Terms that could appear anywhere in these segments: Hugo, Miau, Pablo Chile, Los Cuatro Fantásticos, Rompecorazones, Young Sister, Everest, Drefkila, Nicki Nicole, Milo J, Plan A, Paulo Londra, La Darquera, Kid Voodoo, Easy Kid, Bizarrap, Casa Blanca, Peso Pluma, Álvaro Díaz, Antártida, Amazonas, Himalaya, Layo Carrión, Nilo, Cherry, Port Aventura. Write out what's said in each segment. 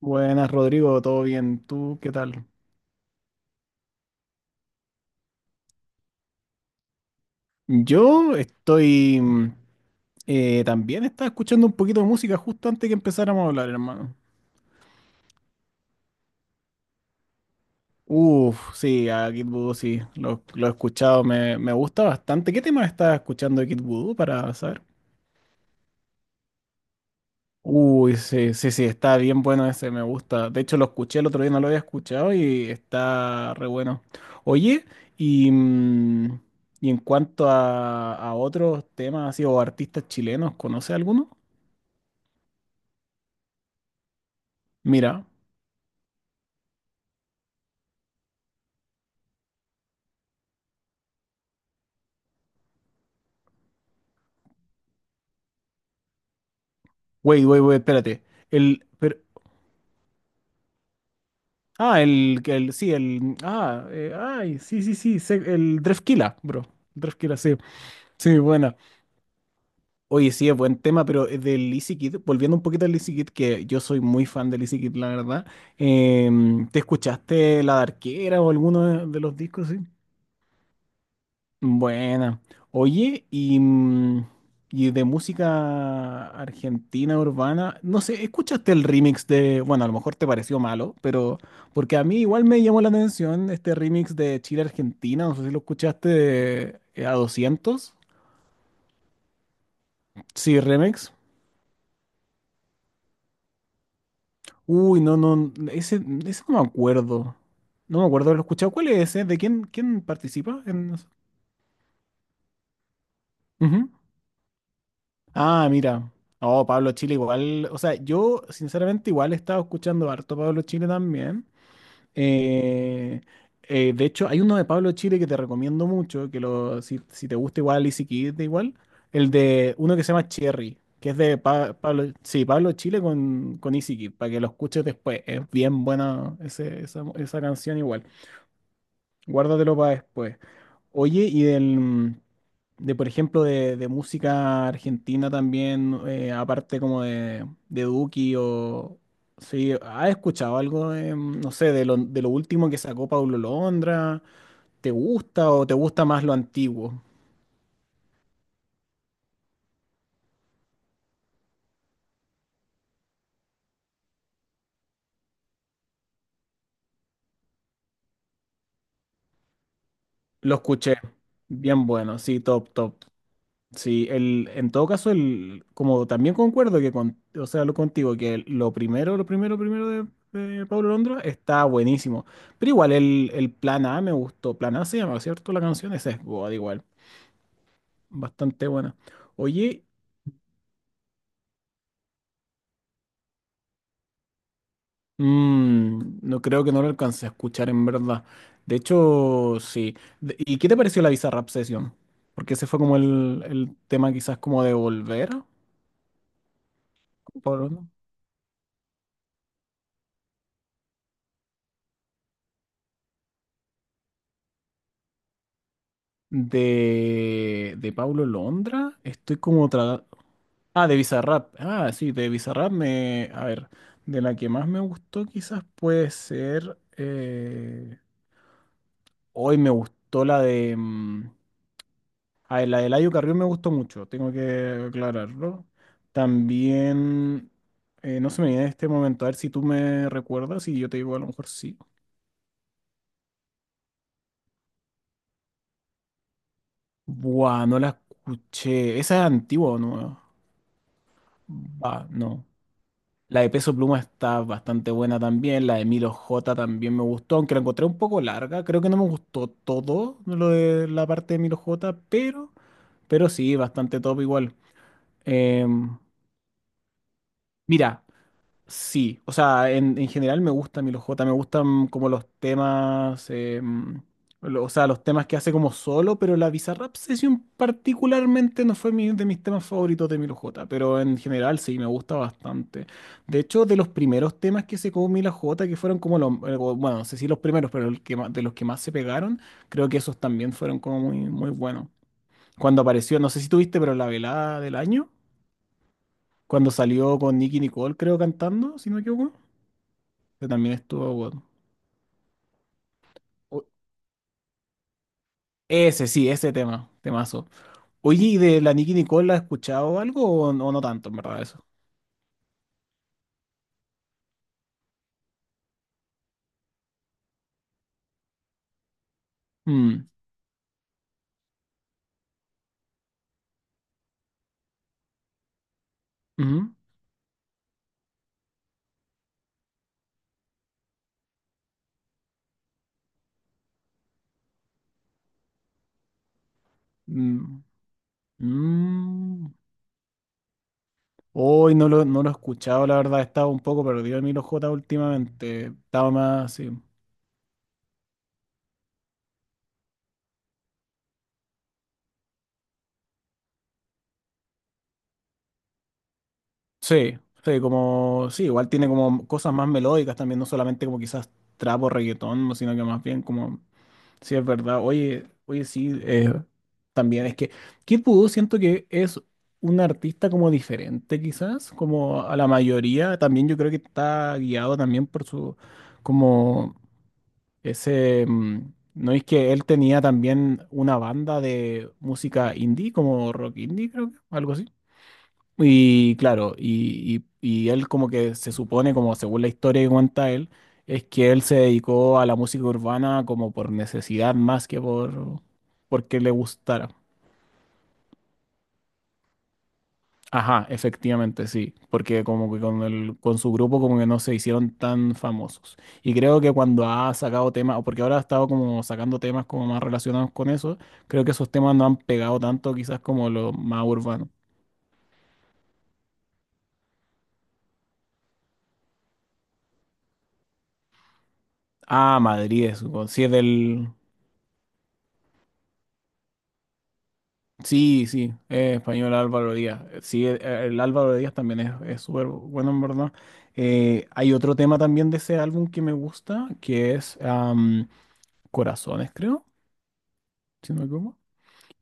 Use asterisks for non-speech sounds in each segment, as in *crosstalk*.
Buenas, Rodrigo, ¿todo bien? ¿Tú qué tal? Yo estoy... también estaba escuchando un poquito de música justo antes que empezáramos a hablar, hermano. Uf, sí, a Kid Voodoo sí, lo he escuchado, me gusta bastante. ¿Qué tema estás escuchando de Kid Voodoo para saber? Uy, sí, sí, sí, está bien bueno ese, me gusta. De hecho, lo escuché el otro día, no lo había escuchado y está re bueno. Oye, y, mm, y en cuanto a otros temas así o artistas chilenos, ¿conoce alguno? Mira, wait, wait, wait, espérate. El, pero, ah, el, que el, sí, sí, sí, sí, el Drefkila, bro. Drefkila, sí, sí, buena. Oye, sí, es buen tema, pero del Easy Kid, volviendo un poquito al Easy Kid, que yo soy muy fan del Easy Kid, la verdad. ¿Te escuchaste La Darquera o alguno de los discos, sí? Buena. Oye, y de música argentina urbana, no sé, ¿escuchaste el remix de, bueno, a lo mejor te pareció malo, pero porque a mí igual me llamó la atención este remix de Chile Argentina, no sé si lo escuchaste de, a 200 sí, remix. Uy, no, no, ese no me acuerdo. No me acuerdo, lo he escuchado. ¿Cuál es ese? ¿De quién participa en eso? Ah, mira. Oh, Pablo Chile igual. O sea, yo sinceramente igual he estado escuchando harto Pablo Chile también. Eh, de hecho, hay uno de Pablo Chile que te recomiendo mucho, que si te gusta igual y si quieres igual, el de uno que se llama Cherry, que es de Pablo, sí, Pablo Chile con Easy Kid, para que lo escuches después. Es bien buena esa canción igual. Guárdatelo para después. Oye, de por ejemplo, de música argentina también, aparte como de Duki o... Sí, ¿has escuchado algo, no sé, de lo último que sacó Paulo Londra? ¿Te gusta o te gusta más lo antiguo? Lo escuché. Bien bueno, sí, top, top. Sí, en todo caso, como también concuerdo o sea, lo contigo, lo primero de Pablo Londra está buenísimo. Pero igual el plan A me gustó. Plan A se llama, ¿cierto? La canción esa es God, igual. Bastante buena. Oye, no creo que no lo alcance a escuchar en verdad. De hecho, sí. ¿Y qué te pareció la Bizarrap Session? Porque ese fue como el tema quizás como de volver. Pablo Londra. De Paulo Londra, Ah, de Bizarrap. Ah, sí, de Bizarrap a ver, de la que más me gustó quizás puede ser, hoy me gustó la de, ah, la de Layo Carrión me gustó mucho, tengo que aclararlo. También, no se me viene en este momento, a ver si tú me recuerdas y yo te digo a lo mejor sí. Buah, no la escuché. Esa es antigua, ¿o no? Va, no. La de Peso Pluma está bastante buena también. La de Milo J también me gustó, aunque la encontré un poco larga. Creo que no me gustó todo lo de la parte de Milo J, pero sí, bastante top igual. Em, mira, sí, o sea, en general me gusta Milo J, me gustan como los temas, o sea, los temas que hace como solo, pero la Bizarrap Session particularmente no fue de mis temas favoritos de Milo J, pero en general sí, me gusta bastante. De hecho, de los primeros temas que sacó Milo J, que fueron como bueno, no sé si los primeros, pero el que de los que más se pegaron, creo que esos también fueron como muy, muy buenos. Cuando apareció, no sé si tuviste, pero la velada del año, cuando salió con Nicki Nicole, creo, cantando, si no me equivoco que también estuvo bueno. O- Ese sí, ese tema, temazo. Oye, ¿y de la Nicki Nicole has escuchado algo o no, no tanto, en verdad, eso? Mm, ujú, mm, mm. Hoy no lo he escuchado, la verdad, estaba un poco perdido en Milo J últimamente. Estaba más, sí. Sí, sí, como, sí, igual tiene como cosas más melódicas también, no solamente como quizás trap o reggaetón, sino que más bien como... Sí, es verdad. Oye, oye, sí, también es que Kid Voodoo siento que es un artista como diferente quizás, como a la mayoría. También yo creo que está guiado también por su, como ese, no es que él tenía también una banda de música indie, como rock indie creo que, algo así. Y claro, y él como que se supone, como según la historia que cuenta él, es que él se dedicó a la música urbana como por necesidad más que porque le gustara. Ajá, efectivamente, sí, porque como que con el, con su grupo como que no se hicieron tan famosos. Y creo que cuando ha sacado temas, o porque ahora ha estado como sacando temas como más relacionados con eso, creo que esos temas no han pegado tanto quizás como los más urbanos. Ah, Madrid, es, sí es del... Sí, sí, es español Álvaro Díaz. Sí, el Álvaro Díaz también es súper bueno, en verdad. Hay otro tema también de ese álbum que me gusta, que es Corazones, creo, si no me equivoco,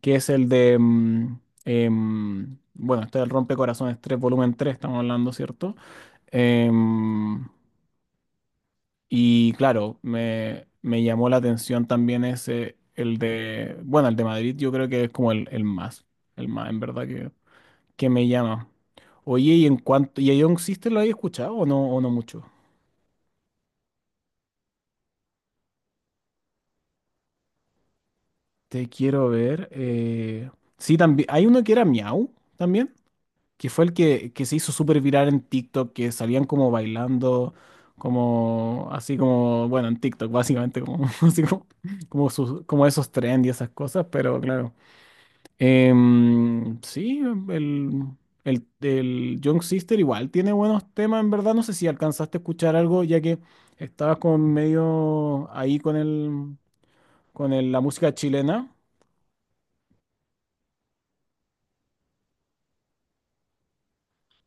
que es el de, bueno, este es el Rompecorazones 3 volumen 3, estamos hablando, ¿cierto? Em, y claro, me llamó la atención también bueno, el de Madrid, yo creo que es como el más, en verdad que me llama. Oye, y en cuanto, ¿y a Young Sister lo habéis escuchado o no mucho? Te quiero ver. Sí, también. Hay uno que era Miau también, que fue el que se hizo súper viral en TikTok, que salían como bailando, como así como, bueno, en TikTok, básicamente, como, *laughs* así como, como, como esos trends y esas cosas, pero claro. Sí, el, el Young Sister igual tiene buenos temas, en verdad. No sé si alcanzaste a escuchar algo, ya que estabas con medio ahí con la música chilena.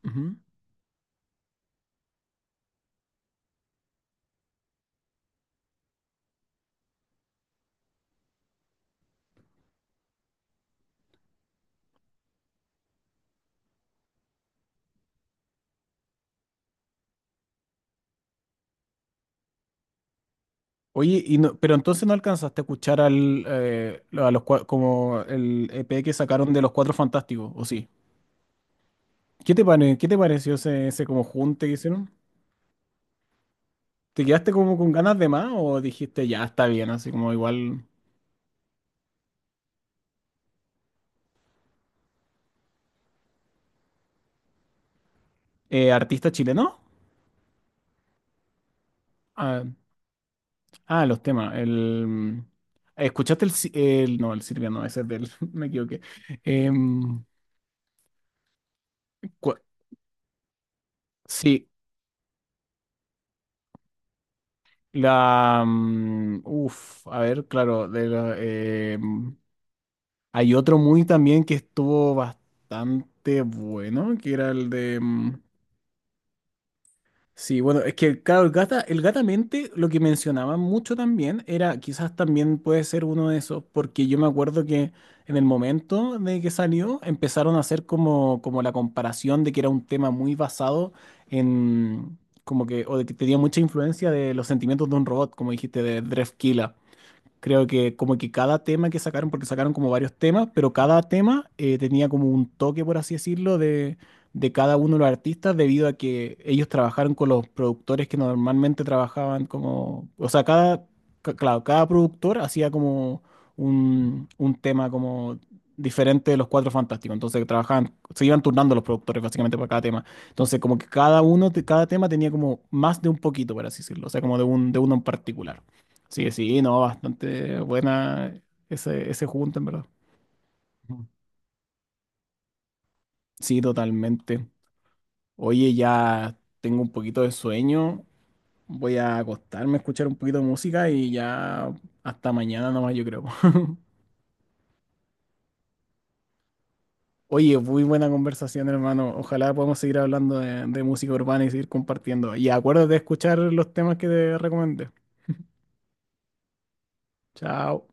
Ujú. Oye, y no, pero entonces no alcanzaste a escuchar al, a los, como el EP que sacaron de Los Cuatro Fantásticos, ¿o sí? ¿Qué te qué te pareció ese, ese como junte que hicieron? ¿Te quedaste como con ganas de más o dijiste ya está bien, así como igual artista chileno? Ah, los temas. El... ¿Escuchaste el, no, el Silvia no, ese es del... *laughs* Me equivoqué. Em, cua- sí, la... uf, a ver, claro, de la... hay otro muy también que estuvo bastante bueno, que era el de... mm. Sí, bueno, es que claro, el gata, el gatamente lo que mencionaban mucho también era, quizás también puede ser uno de esos, porque yo me acuerdo que en el momento de que salió empezaron a hacer como, como la comparación de que era un tema muy basado en, como que, o de que tenía mucha influencia de los sentimientos de un robot, como dijiste, de Drefkila. Creo que como que cada tema que sacaron, porque sacaron como varios temas, pero cada tema tenía como un toque, por así decirlo, de cada uno de los artistas, debido a que ellos trabajaron con los productores que normalmente trabajaban como, o sea, cada, claro, cada productor hacía como un tema como diferente de los Cuatro Fantásticos. Entonces trabajaban, se iban turnando los productores básicamente para cada tema. Entonces como que cada uno, de cada tema tenía como más de un poquito, por así decirlo, o sea, como de un, de uno en particular. Sí, sí, no, bastante buena ese, ese junte, en verdad. Ujú. Sí, totalmente. Oye, ya tengo un poquito de sueño. Voy a acostarme a escuchar un poquito de música y ya hasta mañana nomás, yo creo. *laughs* Oye, muy buena conversación, hermano. Ojalá podamos seguir hablando de música urbana y seguir compartiendo. Y acuérdate de escuchar los temas que te recomendé. Chao.